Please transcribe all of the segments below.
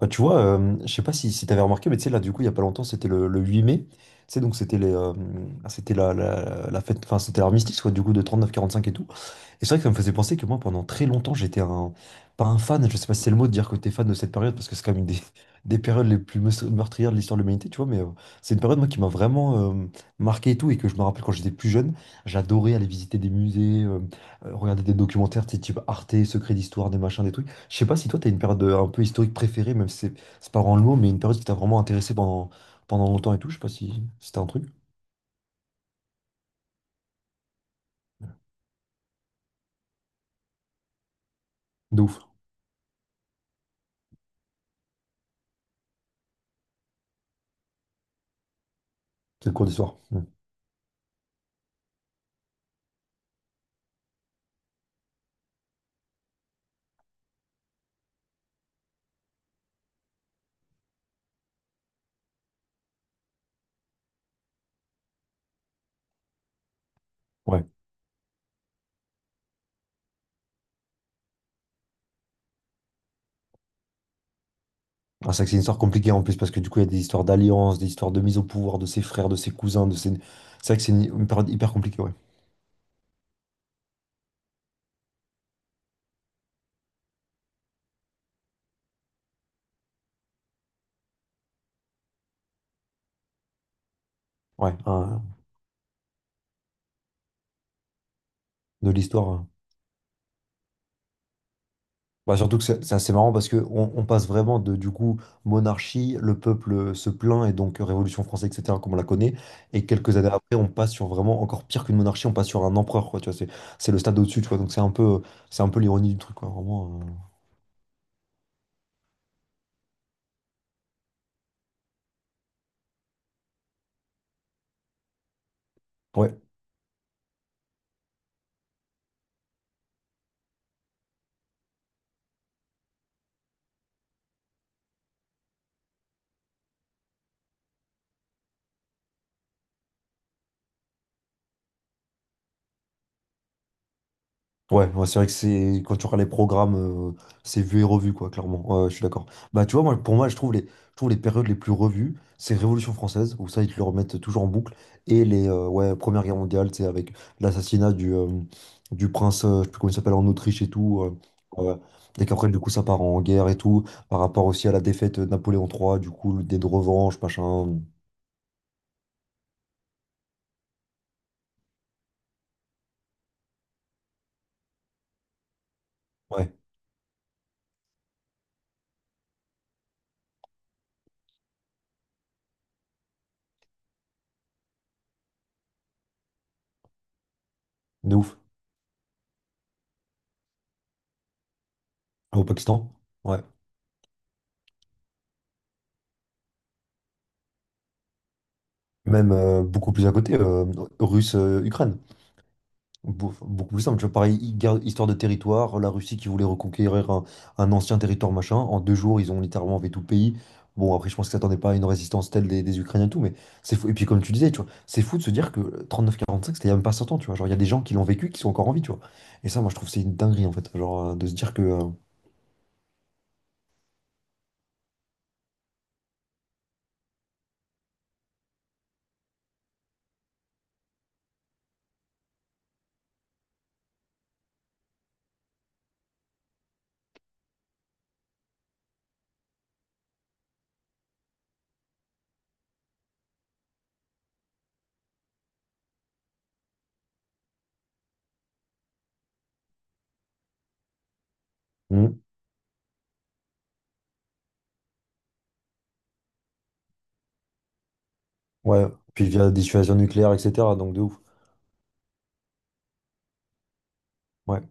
Bah, tu vois, je sais pas si t'avais remarqué, mais tu sais, là, du coup, il y a pas longtemps, c'était le 8 mai. Tu sais, donc c'était la fête, enfin, c'était l'armistice, quoi, du coup, de 39-45 et tout. Et c'est vrai que ça me faisait penser que moi, pendant très longtemps, j'étais un, pas un fan, je sais pas si c'est le mot de dire que t'es fan de cette période, parce que c'est quand même une des, des périodes les plus meurtrières de l'histoire de l'humanité, tu vois, mais c'est une période, moi, qui m'a vraiment marqué et tout, et que je me rappelle quand j'étais plus jeune, j'adorais aller visiter des musées, regarder des documentaires, tu sais, type Arte, Secrets d'Histoire, des machins, des trucs. Je sais pas si toi, tu as une période un peu historique préférée, même si c'est c'est pas vraiment le mot, mais une période qui t'a vraiment intéressé pendant longtemps et tout. Je sais pas si c'était un truc de ouf. C'est le cours d'histoire. Mm. Ouais. Ah, c'est vrai que c'est une histoire compliquée en plus, parce que du coup, il y a des histoires d'alliance, des histoires de mise au pouvoir de ses frères, de ses cousins, de ses. C'est vrai que c'est une période hyper compliquée, ouais. Ouais, hein, de l'histoire. Hein. Bah, surtout que c'est assez marrant parce que on passe vraiment de du coup monarchie, le peuple se plaint et donc Révolution française, etc., comme on la connaît, et quelques années après, on passe sur vraiment encore pire qu'une monarchie, on passe sur un empereur, quoi, tu vois, c'est le stade au-dessus, tu vois, donc c'est un peu l'ironie du truc, quoi, vraiment. Ouais. Ouais, ouais, c'est vrai que c'est quand tu regardes les programmes, c'est vu et revu, quoi, clairement. Ouais, ouais, je suis d'accord. Bah, tu vois, moi, pour moi, je trouve les périodes les plus revues, c'est Révolution française, où ça, ils te le remettent toujours en boucle, et les ouais, Première Guerre mondiale, c'est avec l'assassinat du prince, je sais plus comment il s'appelle, en Autriche et tout. Euh, et qu'après, du coup, ça part en guerre et tout, par rapport aussi à la défaite de Napoléon III, du coup, l'idée de revanche, machin. Ouais, de ouf. Au Pakistan. Ouais. Même beaucoup plus à côté, russe-Ukraine. Beaucoup plus simple, tu vois, pareil, histoire de territoire, la Russie qui voulait reconquérir un ancien territoire, machin, en 2 jours, ils ont littéralement fait tout le pays. Bon, après, je pense qu'ils s'attendaient pas à une résistance telle des Ukrainiens et tout, mais c'est fou. Et puis, comme tu disais, tu vois, c'est fou de se dire que 39-45, c'était il y a même pas 100 ans, tu vois. Genre, il y a des gens qui l'ont vécu, qui sont encore en vie, tu vois. Et ça, moi, je trouve que c'est une dinguerie, en fait. Genre, de se dire que. Hmm. Ouais, puis via dissuasion nucléaire, etc. Donc, de ouf. Ouais,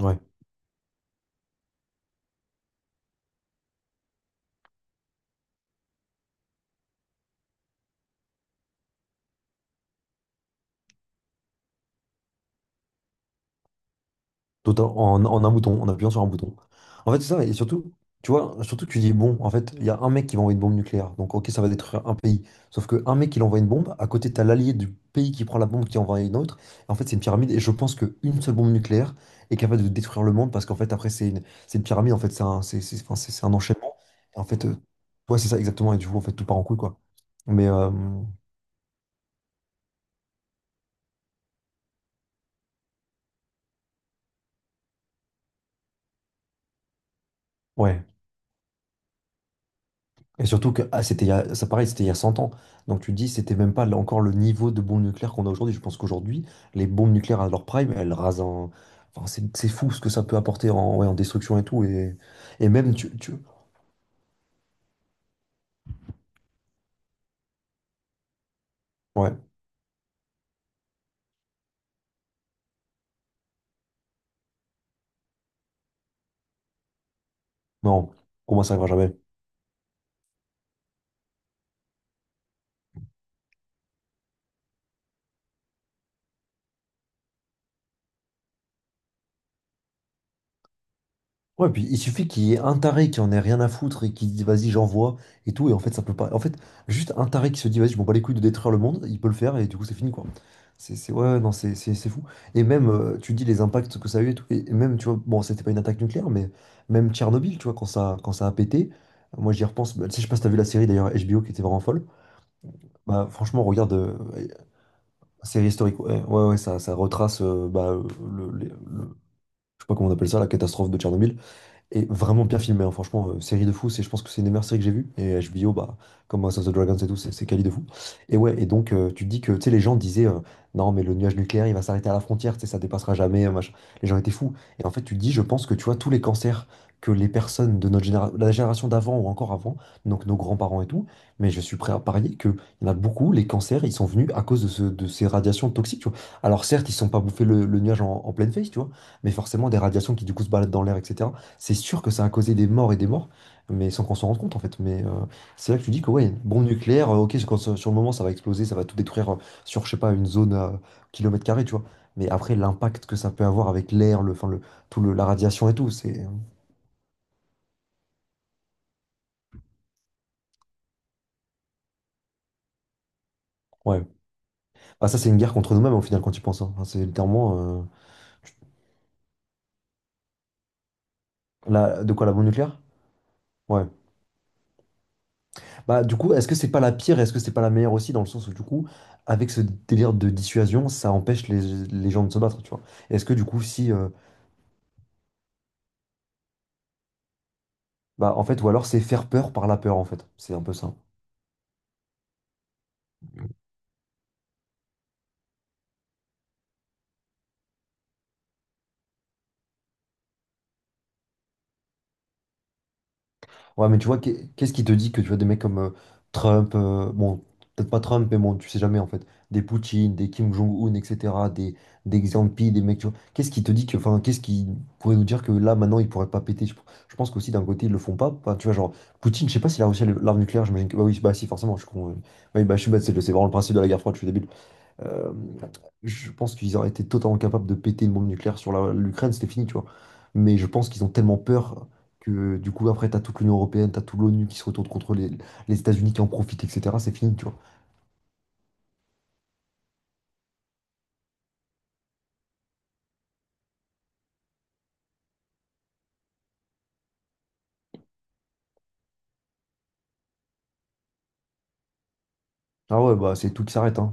ouais. Tout en, En un bouton, en appuyant sur un bouton. En fait, c'est ça, et surtout, tu vois, surtout tu dis, bon, en fait, il y a un mec qui va envoyer une bombe nucléaire, donc ok, ça va détruire un pays. Sauf que un mec qui envoie une bombe, à côté, t'as l'allié du pays qui prend la bombe qui envoie une autre. En fait, c'est une pyramide, et je pense qu'une seule bombe nucléaire est capable de détruire le monde, parce qu'en fait, après, c'est une pyramide, en fait, c'est un, c'est- enfin, c'est un enchaînement. Et en fait, ouais, c'est ça, exactement, et du coup, en fait, tout part en couille, quoi. Mais, ouais, et surtout que ah, c'était il y a, ça pareil, c'était il y a 100 ans. Donc tu te dis, c'était même pas là encore le niveau de bombes nucléaires qu'on a aujourd'hui. Je pense qu'aujourd'hui, les bombes nucléaires à leur prime, elles rasent Enfin, c'est fou ce que ça peut apporter en, ouais, en destruction et tout. Et même, tu. Ouais, non, pour moi, ça arrivera jamais. Ouais, puis il suffit qu'il y ait un taré qui en ait rien à foutre et qui dit vas-y, j'envoie et tout. Et en fait, ça peut pas. En fait, juste un taré qui se dit vas-y, je m'en bats les couilles de détruire le monde, il peut le faire et du coup, c'est fini quoi. Ouais, ouais, non, c'est fou. Et même, tu dis les impacts que ça a eu et tout. Et même, tu vois, bon, c'était pas une attaque nucléaire, mais même Tchernobyl, tu vois, quand ça a pété, moi j'y repense. Bah, tu sais, je sais pas si t'as vu la série d'ailleurs HBO qui était vraiment folle. Bah, franchement, regarde, série historique. Ouais, ouais, ouais, ça retrace bah, le, les- le- je sais pas comment on appelle ça, la catastrophe de Tchernobyl. Et vraiment bien filmé, hein, franchement, série de fou, c'est, je pense que c'est une des meilleures séries que j'ai vues. Et HBO, bah, comme House of the Dragons et tout, c'est quali de fou. Et ouais, et donc tu te dis que tu sais, les gens disaient non, mais le nuage nucléaire il va s'arrêter à la frontière, tu sais, ça dépassera jamais, machin. Les gens étaient fous. Et en fait, tu te dis, je pense que tu vois, tous les cancers que les personnes de notre génération, la génération d'avant ou encore avant, donc nos grands-parents et tout, mais je suis prêt à parier qu'il y en a beaucoup, les cancers, ils sont venus à cause de ces radiations toxiques, tu vois. Alors certes, ils ne sont pas bouffés le nuage en pleine face, tu vois, mais forcément des radiations qui du coup se baladent dans l'air, etc. C'est sûr que ça a causé des morts et des morts, mais sans qu'on s'en rende compte en fait. Mais c'est là que tu dis que ouais, bombe nucléaire, ok, quand, sur le moment ça va exploser, ça va tout détruire sur, je sais pas, une zone à kilomètre carré, tu vois. Mais après, l'impact que ça peut avoir avec l'air, le, enfin, le, tout le, la radiation et tout, c'est. Ouais. Bah, ça, c'est une guerre contre nous-mêmes au final quand tu penses. Hein. Enfin, c'est littéralement. Tu- de quoi la bombe nucléaire? Ouais. Bah, du coup, est-ce que c'est pas la pire, est-ce que c'est pas la meilleure aussi, dans le sens où, du coup, avec ce délire de dissuasion, ça empêche les gens de se battre, tu vois? Est-ce que, du coup, si. Bah, en fait, ou alors c'est faire peur par la peur, en fait. C'est un peu ça. Ouais, mais tu vois, qu'est-ce qui te dit que tu vois des mecs comme Trump, bon, peut-être pas Trump, mais bon, tu sais jamais, en fait, des Poutine, des Kim Jong-un, etc., des, des Xi Jinping, des mecs, tu vois. Qu'est-ce qui te dit que, enfin, qu'est-ce qui pourrait nous dire que là, maintenant, ils pourraient pas péter? Je pense qu'aussi, d'un côté, ils le font pas. Enfin, tu vois, genre, Poutine, je sais pas s'il a réussi à l'arme nucléaire, j'imagine que, bah oui, bah si, forcément, je suis con. Ouais. Oui, bah je suis bête, c'est vraiment le principe de la guerre froide, je suis débile. Euh, je pense qu'ils auraient été totalement capables de péter une bombe nucléaire sur l'Ukraine, c'était fini, tu vois. Mais je pense qu'ils ont tellement peur que du coup, après, t'as toute l'Union européenne, t'as toute l'ONU qui se retourne contre les États-Unis qui en profitent, etc. C'est fini, tu vois. Ah ouais, bah c'est tout qui s'arrête, hein.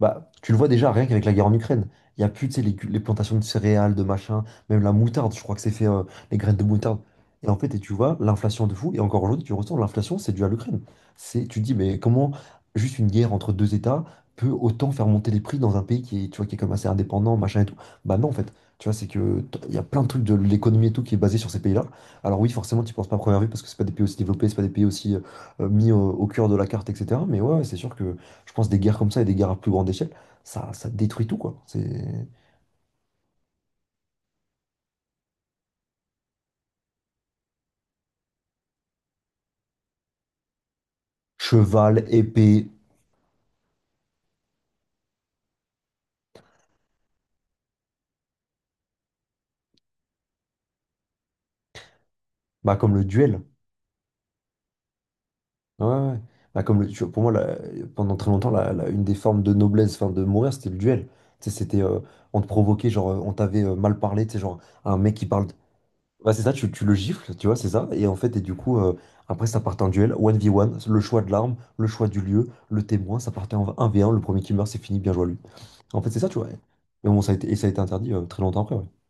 Bah, tu le vois déjà, rien qu'avec la guerre en Ukraine. Il n'y a plus, tu sais, les plantations de céréales, de machin, même la moutarde, je crois que c'est fait, les graines de moutarde. Et en fait, et tu vois, l'inflation de fou, et encore aujourd'hui, tu ressens, l'inflation, c'est dû à l'Ukraine. C'est, tu te dis, mais comment juste une guerre entre deux États peut autant faire monter les prix dans un pays qui est, tu vois, qui est comme assez indépendant, machin et tout? Bah non, en fait, tu vois, c'est que il y a plein de trucs de l'économie et tout qui est basé sur ces pays-là. Alors oui, forcément, tu penses pas à première vue parce que c'est pas des pays aussi développés, c'est pas des pays aussi mis au cœur de la carte, etc. Mais ouais, ouais, c'est sûr que. Je pense des guerres comme ça et des guerres à plus grande échelle, ça détruit tout, quoi. C'est cheval, épée, bah, comme le duel. Ouais, ouais. Ouais. Bah, comme le, tu vois, pour moi, pendant très longtemps, une des formes de noblesse, enfin, de mourir, c'était le duel. Tu sais, c'était, on te provoquait, genre, on t'avait mal parlé, tu sais, genre, un mec qui parle. Bah, c'est ça, tu le gifles, tu vois, c'est ça. Et en fait, et du coup, après, ça partait en duel, 1v1, le choix de l'arme, le choix du lieu, le témoin, ça partait en 1v1. Le premier qui meurt, c'est fini, bien joué à lui. En fait, c'est ça, tu vois. Mais bon, ça a été interdit très longtemps après. Ouais.